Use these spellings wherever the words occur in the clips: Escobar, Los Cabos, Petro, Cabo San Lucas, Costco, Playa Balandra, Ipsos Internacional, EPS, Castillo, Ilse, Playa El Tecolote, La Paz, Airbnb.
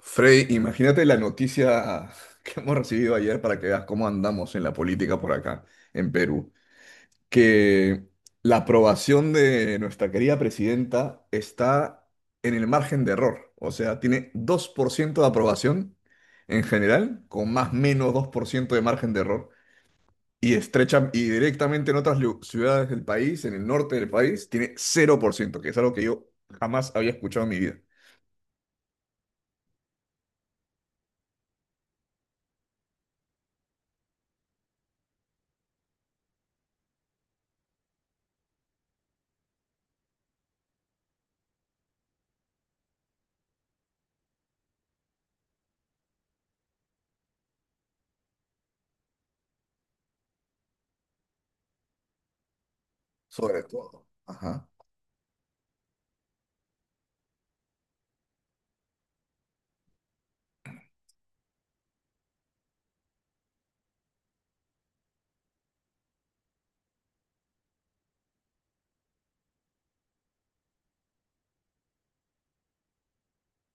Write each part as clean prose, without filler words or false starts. Frey, imagínate la noticia que hemos recibido ayer para que veas cómo andamos en la política por acá, en Perú, que la aprobación de nuestra querida presidenta está en el margen de error, o sea, tiene 2% de aprobación en general, con más o menos 2% de margen de error, y estrecha y directamente en otras ciudades del país, en el norte del país, tiene cero por ciento. Que es algo que yo jamás había escuchado en mi vida, sobre todo. Ajá.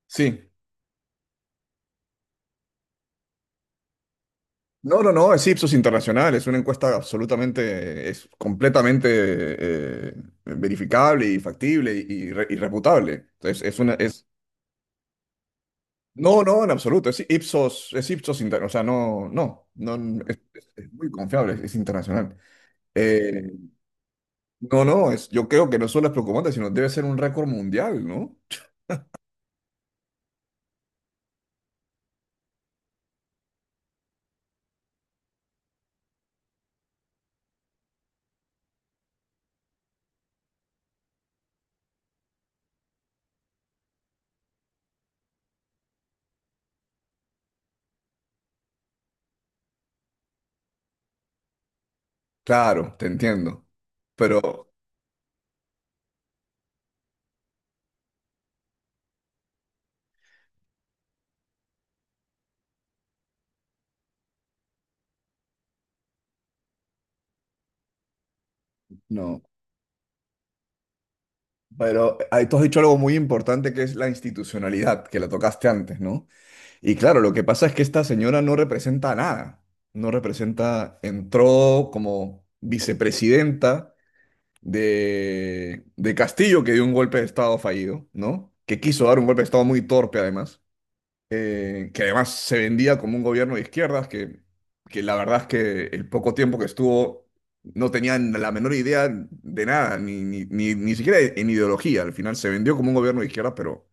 Sí, no, no, no, es Ipsos Internacional, es una encuesta absolutamente, es completamente eh, verificable y factible y, y reputable. Entonces es una, es, no, no, en absoluto, es Ipsos Internacional, o sea, no, no, no, es, es muy confiable, es internacional. Eh, no, no, es, yo creo que no solo es preocupante, sino debe ser un récord mundial, ¿no? Claro, te entiendo, pero no, pero ahí tú has dicho algo muy importante que es la institucionalidad, que la tocaste antes, ¿no? Y claro, lo que pasa es que esta señora no representa nada. No representa, entró como vicepresidenta de Castillo, que dio un golpe de Estado fallido, ¿no? Que quiso dar un golpe de Estado muy torpe, además. Que además se vendía como un gobierno de izquierdas, que la verdad es que el poco tiempo que estuvo no tenían la menor idea de nada, ni, ni, ni, ni siquiera en ideología. Al final se vendió como un gobierno de izquierdas, pero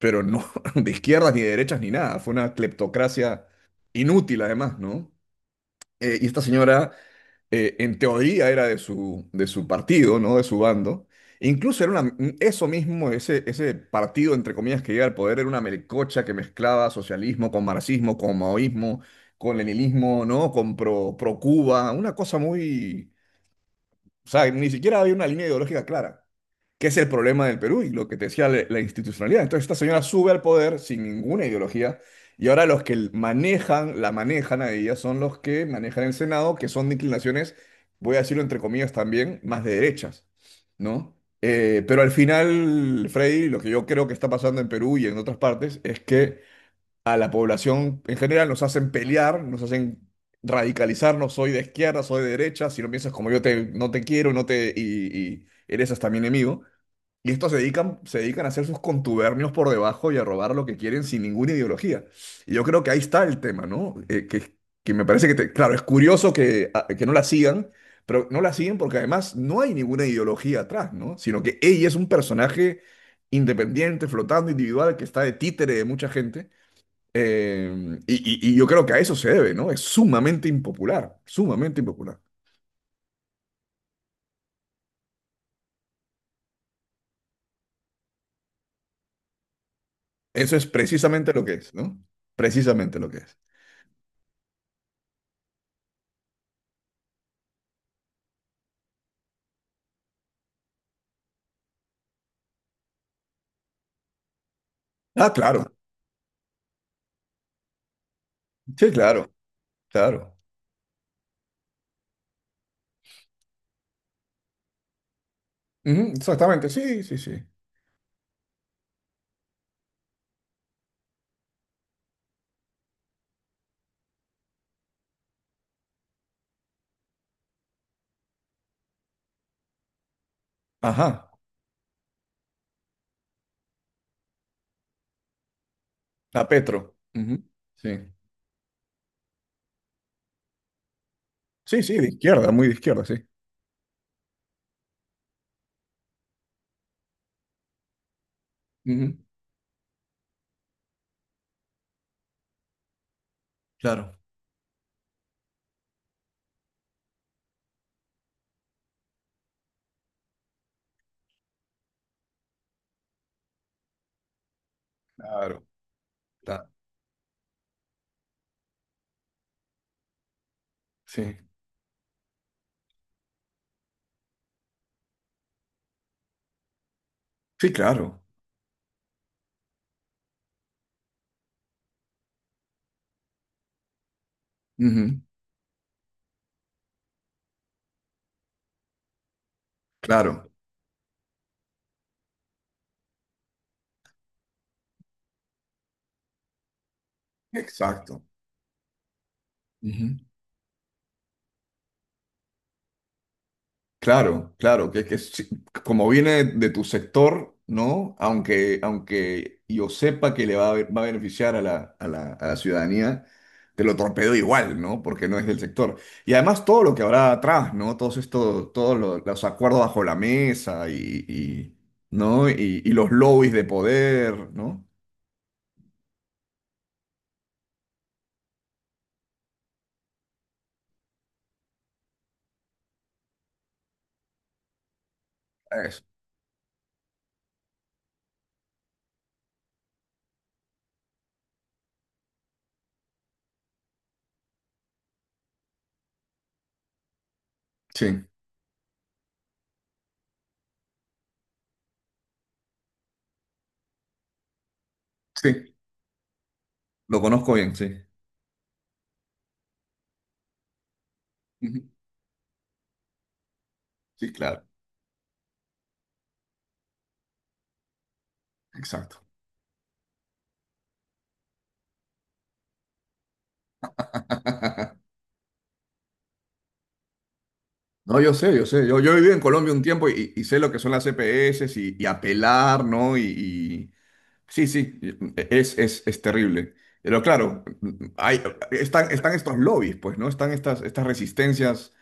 no de izquierdas ni de derechas ni nada. Fue una cleptocracia inútil además, ¿no? Y esta señora, en teoría, era de su partido, ¿no? De su bando. E incluso era una, eso mismo, ese partido, entre comillas, que llega al poder, era una melcocha que mezclaba socialismo con marxismo, con maoísmo, con leninismo, ¿no? Con pro, pro Cuba, una cosa muy… O sea, ni siquiera había una línea ideológica clara que es el problema del Perú y lo que te decía la, la institucionalidad. Entonces esta señora sube al poder sin ninguna ideología y ahora los que manejan, la manejan a ella son los que manejan el Senado, que son de inclinaciones, voy a decirlo entre comillas también, más de derechas, ¿no? Pero al final, Freddy, lo que yo creo que está pasando en Perú y en otras partes es que a la población en general nos hacen pelear, nos hacen radicalizarnos, soy de izquierda, soy de derecha, si no piensas como yo te, no te quiero, no te, y eres hasta mi enemigo. Y estos se dedican a hacer sus contubernios por debajo y a robar lo que quieren sin ninguna ideología. Y yo creo que ahí está el tema, ¿no? Que me parece que, claro, es curioso que, que no la sigan, pero no la siguen porque además no hay ninguna ideología atrás, ¿no? Sino que ella es un personaje independiente, flotando, individual, que está de títere de mucha gente. Y, y yo creo que a eso se debe, ¿no? Es sumamente impopular, sumamente impopular. Eso es precisamente lo que es, ¿no? Precisamente lo que es. Ah, claro. Sí, claro. Claro. Ujú, exactamente, sí, sí, sí. Ajá. A Petro. Ujú, sí. Sí, sí, de izquierda, muy de izquierda, sí. Ujú. Claro. Claro. ta- Sí. Sí, claro. Ujú, claro. Exacto. Ujú. Claro, claro, que sí, como viene de tu sector, ¿no? Aunque, aunque yo sepa que le va a, va a beneficiar a la, a la, a la ciudadanía, te lo torpedo igual, ¿no? Porque no es del sector. Y además todo lo que habrá atrás, ¿no? Todos estos, todos los, acuerdos bajo la mesa y, ¿no? Y los lobbies de poder, ¿no? Eso. Sí, sí, lo conozco bien, sí. Ujú. Sí, claro, exacto. No, yo sé, yo sé. Yo viví en Colombia un tiempo y sé lo que son las EPS y apelar, ¿no? Y- sí, sí, es terrible. Pero claro, hay, están, están estos lobbies, pues, ¿no? Están estas, estas resistencias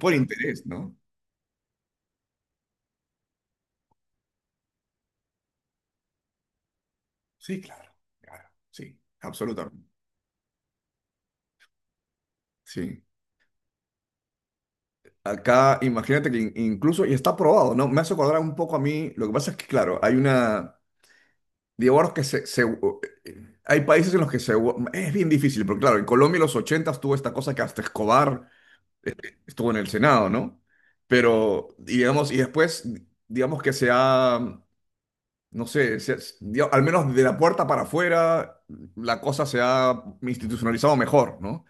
por interés, ¿no? Sí, claro, claro, sí, absolutamente. Sí. Acá, imagínate que incluso, y está aprobado, ¿no? Me hace acordar un poco a mí, lo que pasa es que, claro, hay una… Divorcios que se, Hay países en los que se… Es bien difícil, porque claro, en Colombia en los 80 tuvo esta cosa que hasta Escobar eh, estuvo en el Senado, ¿no? Pero, y digamos, y después, digamos que se ha, no sé, al menos de la puerta para afuera, la cosa se ha institucionalizado mejor, ¿no?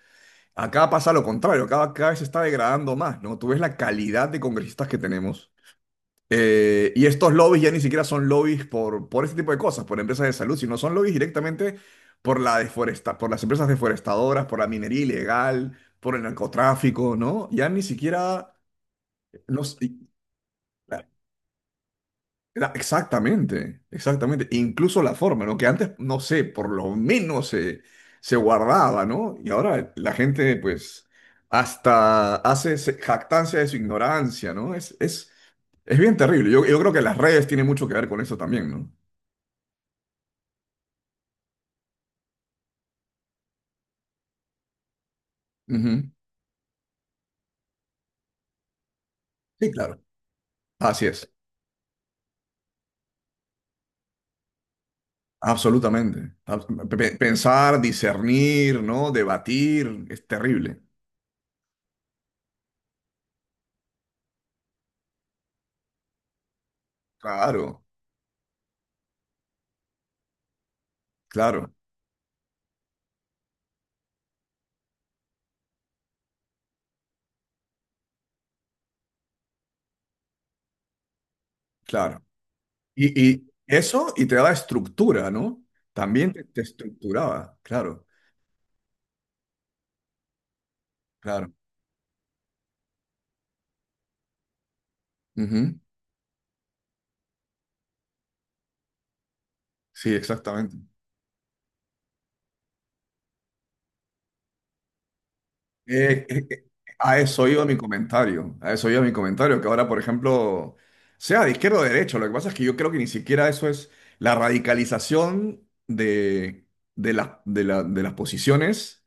Acá pasa lo contrario, cada, cada vez se está degradando más, ¿no? Tú ves la calidad de congresistas que tenemos y estos lobbies ya ni siquiera son lobbies por este tipo de cosas, por empresas de salud, sino son lobbies directamente por la deforesta, por las empresas deforestadoras, por la minería ilegal, por el narcotráfico, ¿no? Ya ni siquiera… No, sé, la- exactamente, exactamente. Incluso la forma, ¿no? Que antes, no sé, por lo menos se, se guardaba, ¿no? Y ahora la gente, pues, hasta hace jactancia de su ignorancia, ¿no? Es bien terrible. Yo creo que las redes tienen mucho que ver con eso también, ¿no? Ujú. Sí, claro. Así es. Absolutamente. Pensar, discernir, ¿no? Debatir, es terrible. Claro, claro, claro. Y eso, y te daba estructura, ¿no? También te estructuraba, claro, claro. Ujú. Sí, exactamente. Eh, eh, eh, a eso iba mi comentario, a eso iba mi comentario, que ahora, por ejemplo, sea de izquierda o de derecha, lo que pasa es que yo creo que ni siquiera eso es la radicalización de, de las posiciones.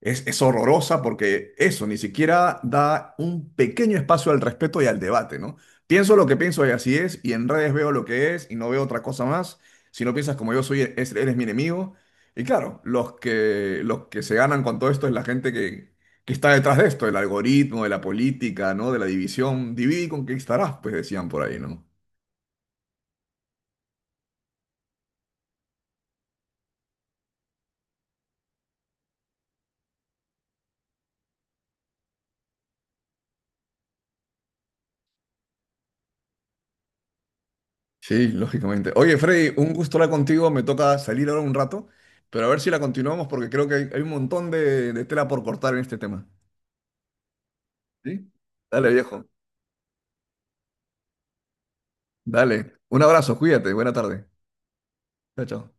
Es horrorosa porque eso ni siquiera da un pequeño espacio al respeto y al debate, ¿no? Pienso lo que pienso y así es, y en redes veo lo que es y no veo otra cosa más. Si no piensas como yo soy, eres mi enemigo. Y claro, los que se ganan con todo esto es la gente que está detrás de esto, del algoritmo, de la política, ¿no? De la división. Divide y conquistarás, pues decían por ahí, ¿no? Sí, lógicamente. Oye, Freddy, un gusto hablar contigo. Me toca salir ahora un rato, pero a ver si la continuamos porque creo que hay un montón de tela por cortar en este tema. ¿Sí? Dale, viejo. Dale. Un abrazo, cuídate. Buena tarde. Chao, chao.